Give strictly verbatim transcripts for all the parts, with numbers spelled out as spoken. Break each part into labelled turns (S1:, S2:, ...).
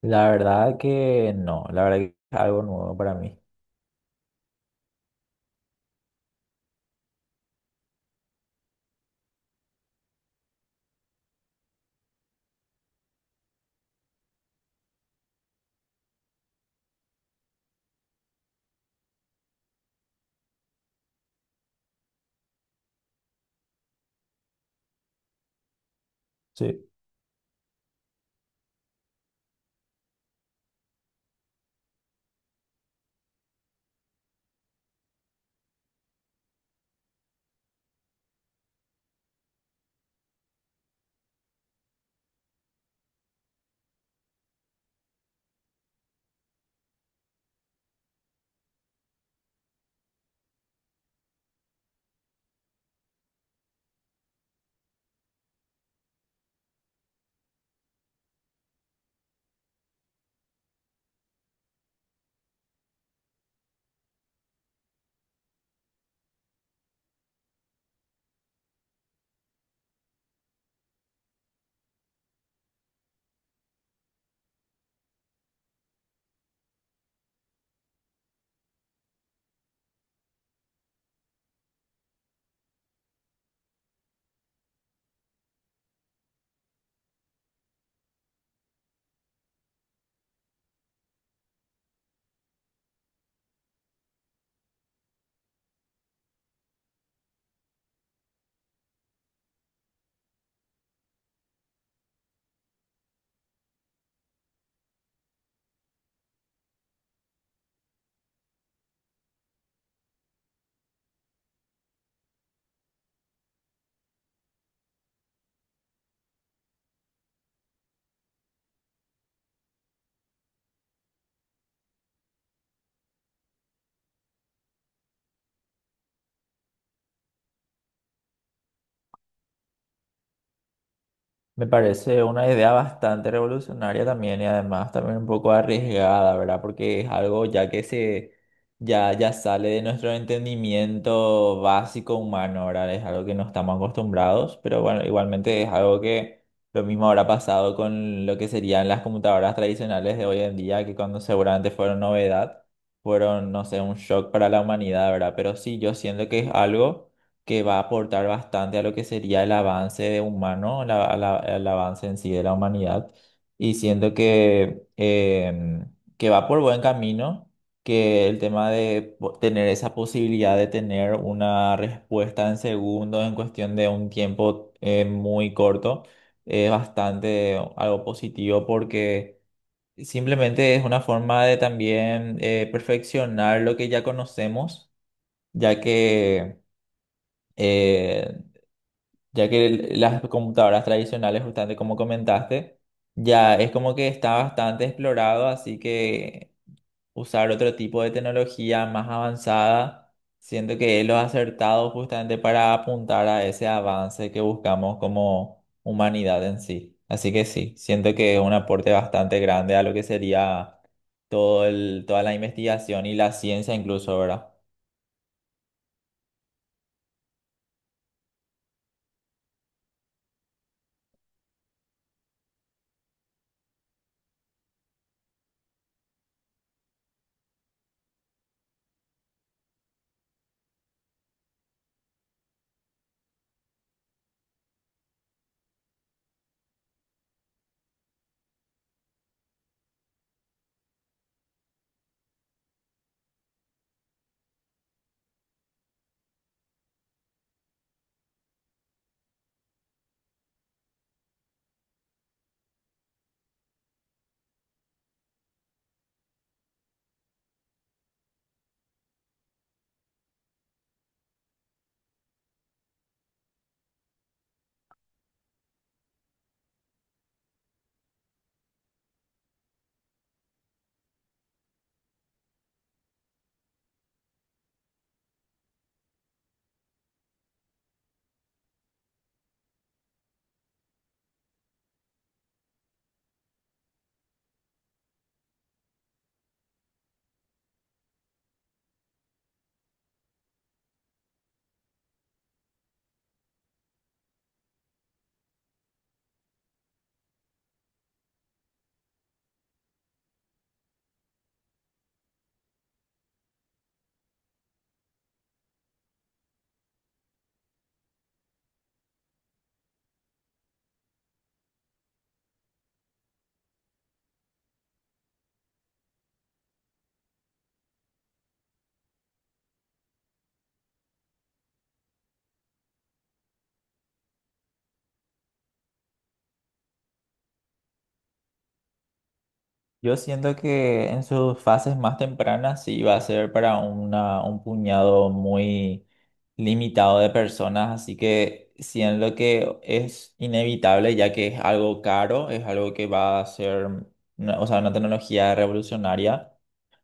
S1: La verdad que no, la verdad que es algo nuevo para mí. Sí, me parece una idea bastante revolucionaria también y además también un poco arriesgada, ¿verdad? Porque es algo ya que se ya ya sale de nuestro entendimiento básico humano, ¿verdad? Es algo que no estamos acostumbrados, pero bueno, igualmente es algo que lo mismo habrá pasado con lo que serían las computadoras tradicionales de hoy en día, que cuando seguramente fueron novedad, fueron, no sé, un shock para la humanidad, ¿verdad? Pero sí, yo siento que es algo que va a aportar bastante a lo que sería el avance de humano, la- a la- al avance en sí de la humanidad. Y siento que, em, que va por buen camino, que el tema de po- tener esa posibilidad de tener una respuesta en segundos, en cuestión de un tiempo eh, muy corto, es bastante algo positivo porque simplemente es una forma de también eh, perfeccionar lo que ya conocemos, ya que eh, ya que el- las computadoras tradicionales, justamente como comentaste, ya es como que está bastante explorado, así que usar otro tipo de tecnología más avanzada, siento que es lo acertado justamente para apuntar a ese avance que buscamos como humanidad en sí. Así que sí, siento que es un aporte bastante grande a lo que sería todo el, toda la investigación y la ciencia incluso, ¿verdad? Yo siento que en sus fases más tempranas sí va a ser para una, un puñado muy limitado de personas, así que siendo que es inevitable, ya que es algo caro, es algo que va a ser, una- o sea, una tecnología revolucionaria,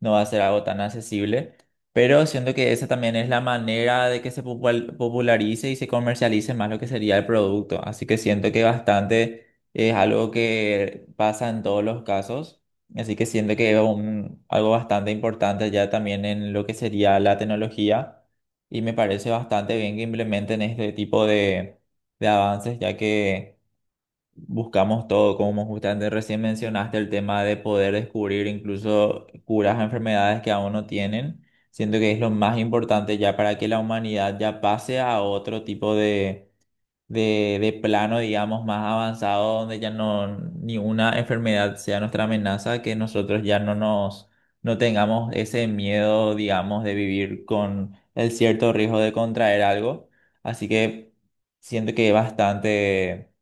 S1: no va a ser algo tan accesible, pero siento que esa también es la manera de que se popul- popularice y se comercialice más lo que sería el producto. Así que siento que bastante es algo que pasa en todos los casos. Así que siento que es un- algo bastante importante ya también en lo que sería la tecnología y me parece bastante bien que implementen este tipo de, de avances, ya que buscamos todo, como justamente recién mencionaste, el tema de poder descubrir incluso curas a enfermedades que aún no tienen. Siento que es lo más importante ya para que la humanidad ya pase a otro tipo de, de, de plano, digamos, más avanzado, donde ya no ni una enfermedad sea nuestra amenaza, que nosotros ya no nos no tengamos ese miedo, digamos, de vivir con el cierto riesgo de contraer algo. Así que siento que es bastante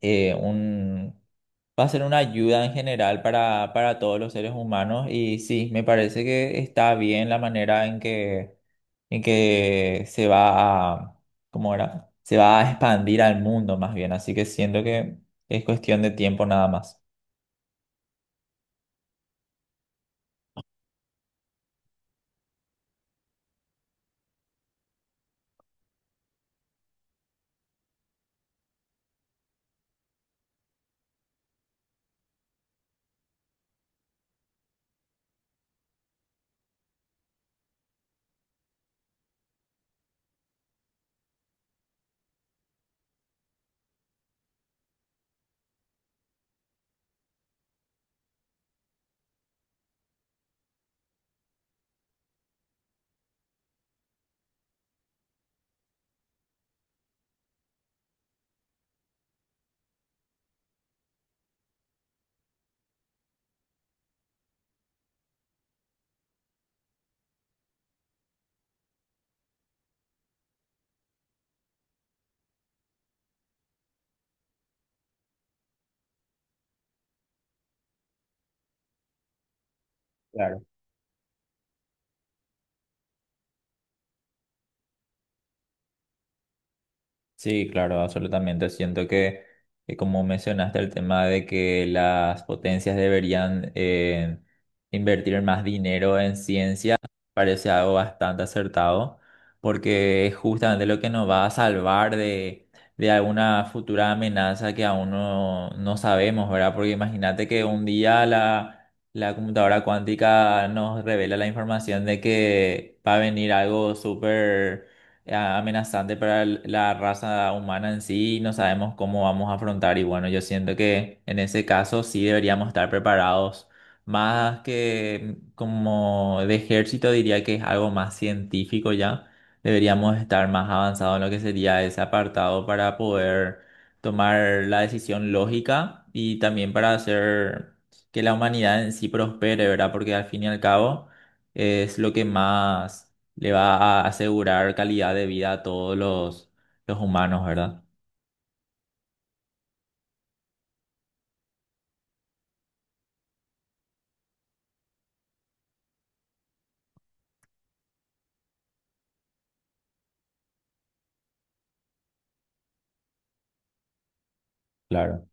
S1: eh, un, va a ser una ayuda en general para, para todos los seres humanos y sí, me parece que está bien la manera en que, en que se va a, ¿cómo era? Se va a expandir al mundo más bien, así que siento que es cuestión de tiempo nada más. Claro. Sí, claro, absolutamente. Siento que, que como mencionaste, el tema de que las potencias deberían eh, invertir más dinero en ciencia parece algo bastante acertado, porque es justamente lo que nos va a salvar de, de alguna futura amenaza que aún no, no sabemos, ¿verdad? Porque imagínate que un día la, la computadora cuántica nos revela la información de que va a venir algo súper eh, amenazante para el- la raza humana en sí y no sabemos cómo vamos a afrontar. Y bueno, yo siento que en ese caso sí deberíamos estar preparados, más que como de ejército, diría que es algo más científico ya. Deberíamos estar más avanzados en lo que sería ese apartado para poder tomar la decisión lógica y también para hacer que la humanidad en sí prospere, ¿verdad? Porque al fin y al cabo es lo que más le va a asegurar calidad de vida a todos los, los humanos, ¿verdad? Claro,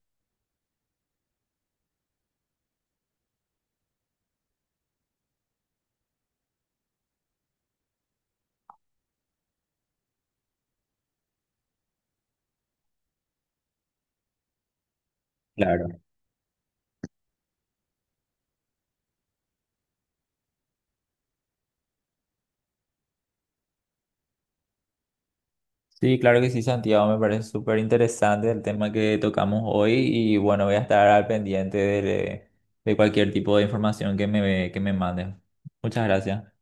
S1: claro. Sí, claro que sí, Santiago, me parece súper interesante el tema que tocamos hoy y bueno, voy a estar al pendiente de, de cualquier tipo de información que me, que me mandes. Muchas gracias.